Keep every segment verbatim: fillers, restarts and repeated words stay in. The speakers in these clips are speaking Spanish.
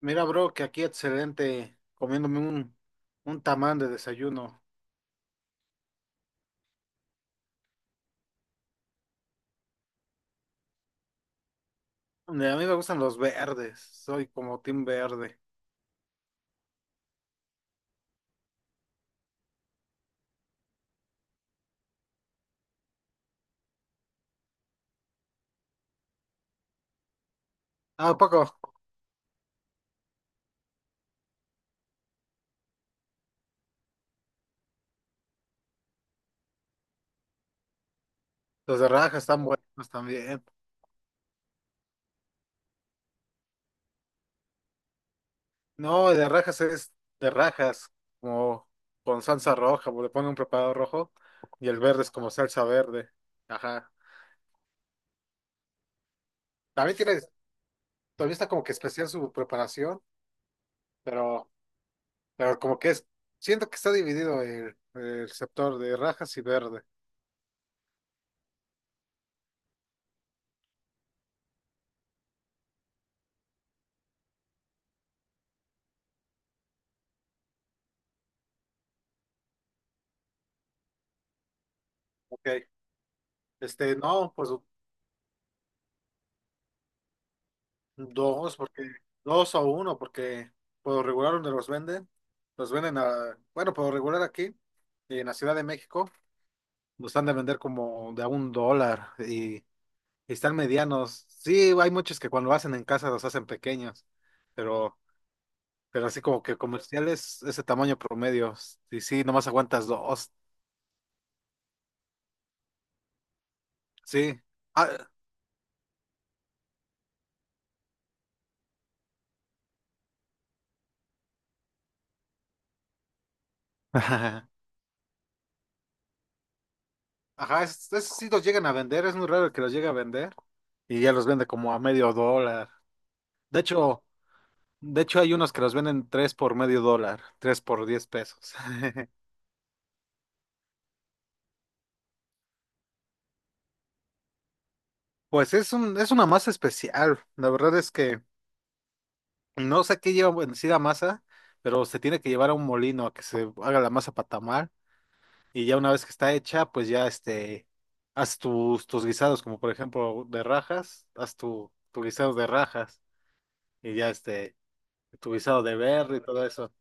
Mira, bro, que aquí excelente, comiéndome un, un tamal de desayuno. Hombre, A mí me gustan los verdes, soy como team verde. Ah, ¿a poco? Los de rajas están buenos también. No, de rajas es de rajas, como con salsa roja, porque le ponen un preparado rojo, y el verde es como salsa verde. Ajá. También tiene, también está como que especial su preparación, pero, pero como que es, siento que está dividido el, el sector de rajas y verde. Ok. Este, no, pues. Dos, porque dos o uno, porque por lo regular donde los venden, los venden a, bueno, por lo regular aquí, en la Ciudad de México, los han de vender como de a un dólar y, y están medianos. Sí, hay muchos que cuando hacen en casa los hacen pequeños, pero, pero así como que comerciales, ese tamaño promedio, y sí, nomás aguantas dos, sí. Ah, ajá, es- esos sí los llegan a vender, es muy raro el que los llegue a vender y ya los vende como a medio dólar. De hecho, De hecho, hay unos que los venden tres por medio dólar, tres por diez pesos. Pues es un, es una masa especial. La verdad es que no sé qué lleva en sí la masa, pero se tiene que llevar a un molino a que se haga la masa para tamar. Y ya una vez que está hecha, pues ya este, haz tus, tus guisados, como por ejemplo de rajas, haz tu, tu guisado de rajas y ya este, tu guisado de verde y todo eso,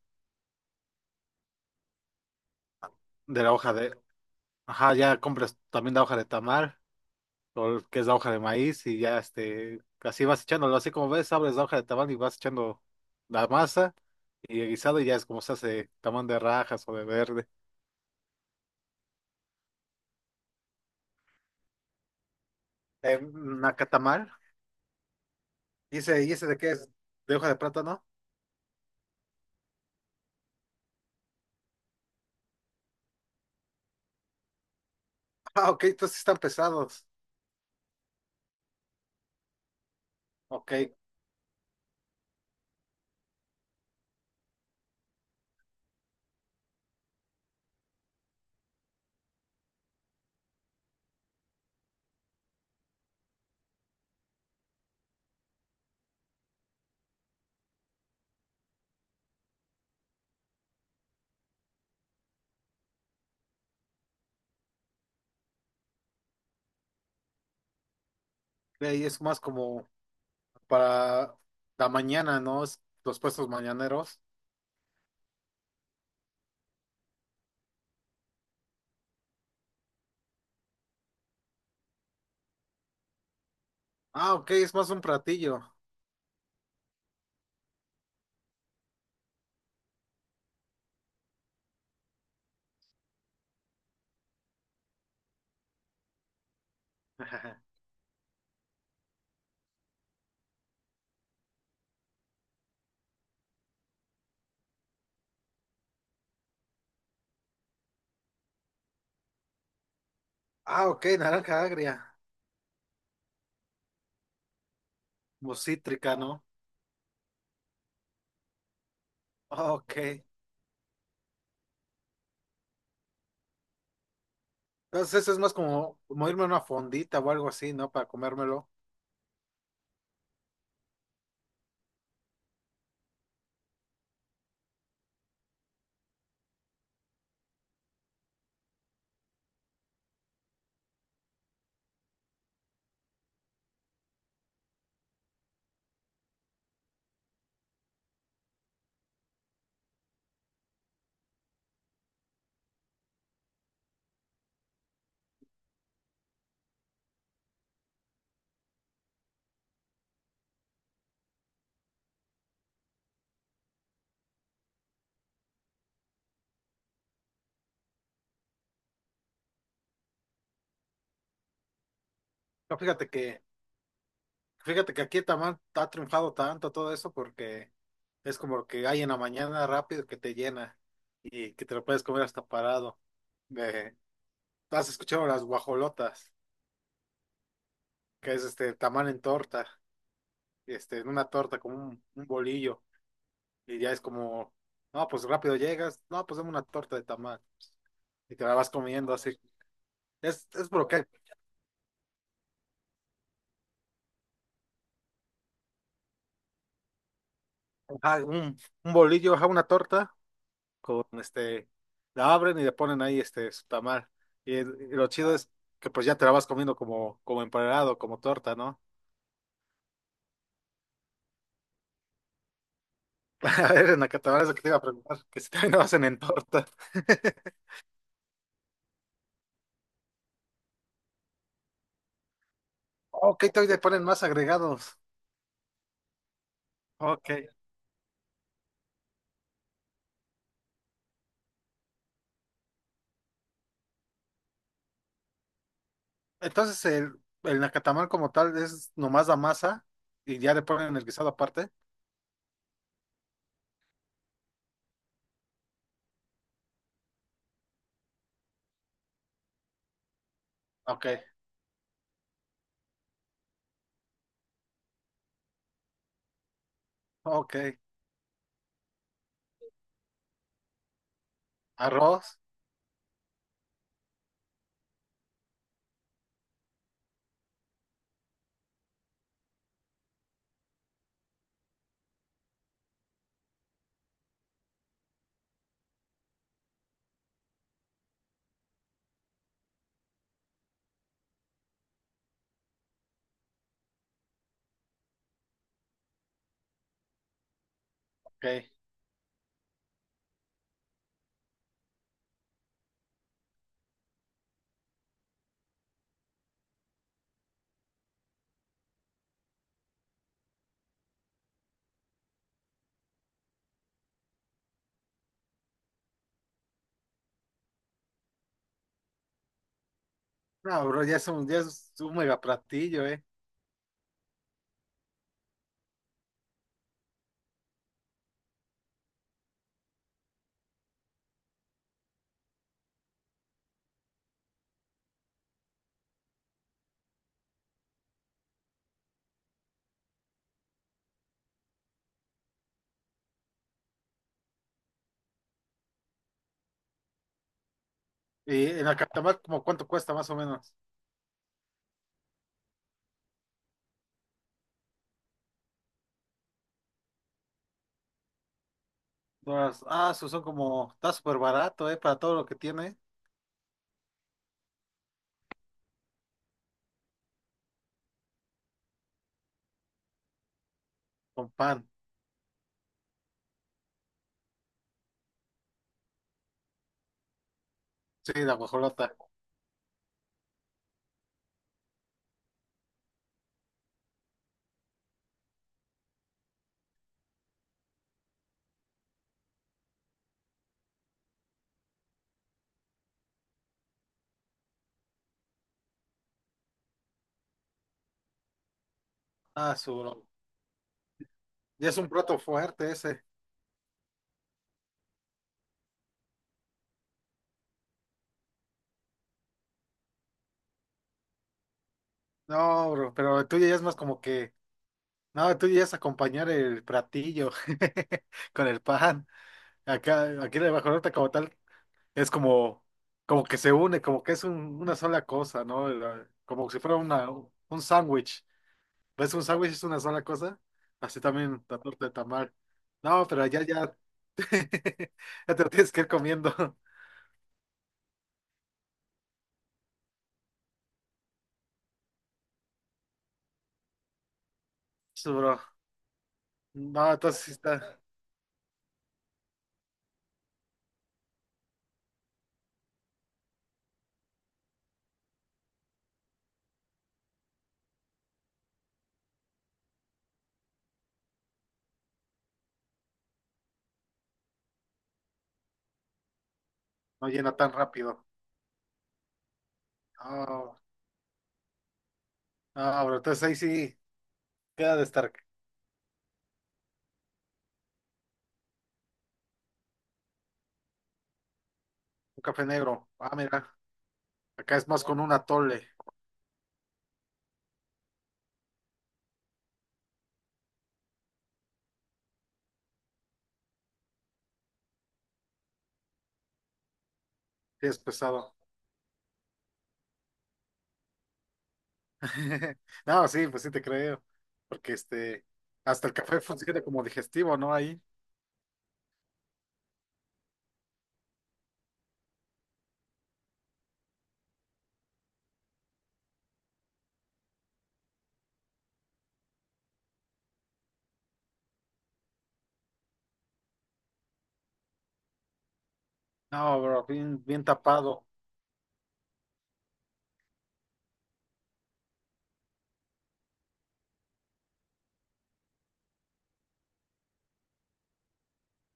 de la hoja de, ajá, ya compras también la hoja de tamar o el que es la hoja de maíz y ya este, así vas echándolo, así como ves, abres la hoja de tamal y vas echando la masa y el guisado y ya es como se hace tamal de rajas o de verde. Eh, nacatamal, ¿y ese, y ese de qué es? ¿De hoja de plátano? Ah, ok, entonces sí están pesados. Ok, eh, y es más como para la mañana, ¿no? Es los puestos mañaneros. Ah, ok, es más un platillo. Ah, ok, naranja agria. Como cítrica, ¿no? Ah, ok. Entonces eso es más como, como irme a una fondita o algo así, ¿no? Para comérmelo. Pero fíjate que, fíjate que aquí Tamán ha triunfado tanto todo eso porque es como lo que hay en la mañana rápido que te llena y que te lo puedes comer hasta parado. De, ¿has escuchado las guajolotas? Que es este tamal en torta, este, en una torta como un, un bolillo. Y ya es como, no, pues rápido llegas, no, pues dame una torta de tamal. Y te la vas comiendo así. Es, es por lo que hay, ajá, un, un bolillo, ajá, una torta con este, la abren y le ponen ahí este su tamal. Y, el- y lo chido es que pues ya te la vas comiendo como, como empanado, como torta, ¿no? A ver, en la catabana es lo que te iba a preguntar, que si también lo hacen en torta. Ok, todavía le ponen más agregados. Ok. Entonces el, el nacatamal como tal es nomás la masa y ya le ponen el guisado aparte. Ok, ok. Arroz, ok. No, bro, ya es un, ya es un mega platillo, eh. Y el nacatamal como cuánto cuesta más o menos. Las- ah, su- son como, está súper barato, eh, para todo lo que tiene, con pan. Sí, la guajolota. Ah, su, bro. Ya es un plato fuerte ese. No, bro, pero el tuyo ya es más como que, no, el tuyo ya es acompañar el platillo con el pan. Acá, aquí la guajolota como tal, es como, como que se une, como que es un- una sola cosa, ¿no? La- como si fuera una, un sándwich. ¿Ves un sándwich es una sola cosa? Así también la torta de tamal. No, pero ya, ya. Ya te lo tienes que ir comiendo. Sí, bro. No, entonces sí está. No llena tan rápido. No, no, bro. Entonces ahí sí queda de estar un café negro. Ah, mira. Acá es más con un atole. Sí, es pesado. No, sí, pues sí te creo. Porque este. Hasta el café funciona como digestivo, ¿no? Ahí. No, bro. Bien, bien tapado.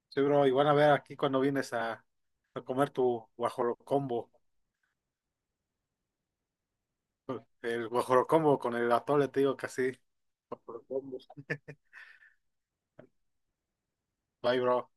Sí, bro, y van a ver aquí cuando vienes a, a comer tu guajolocombo. El guajolocombo con el atole, te digo que así. Guajolocombo. Bye, bro.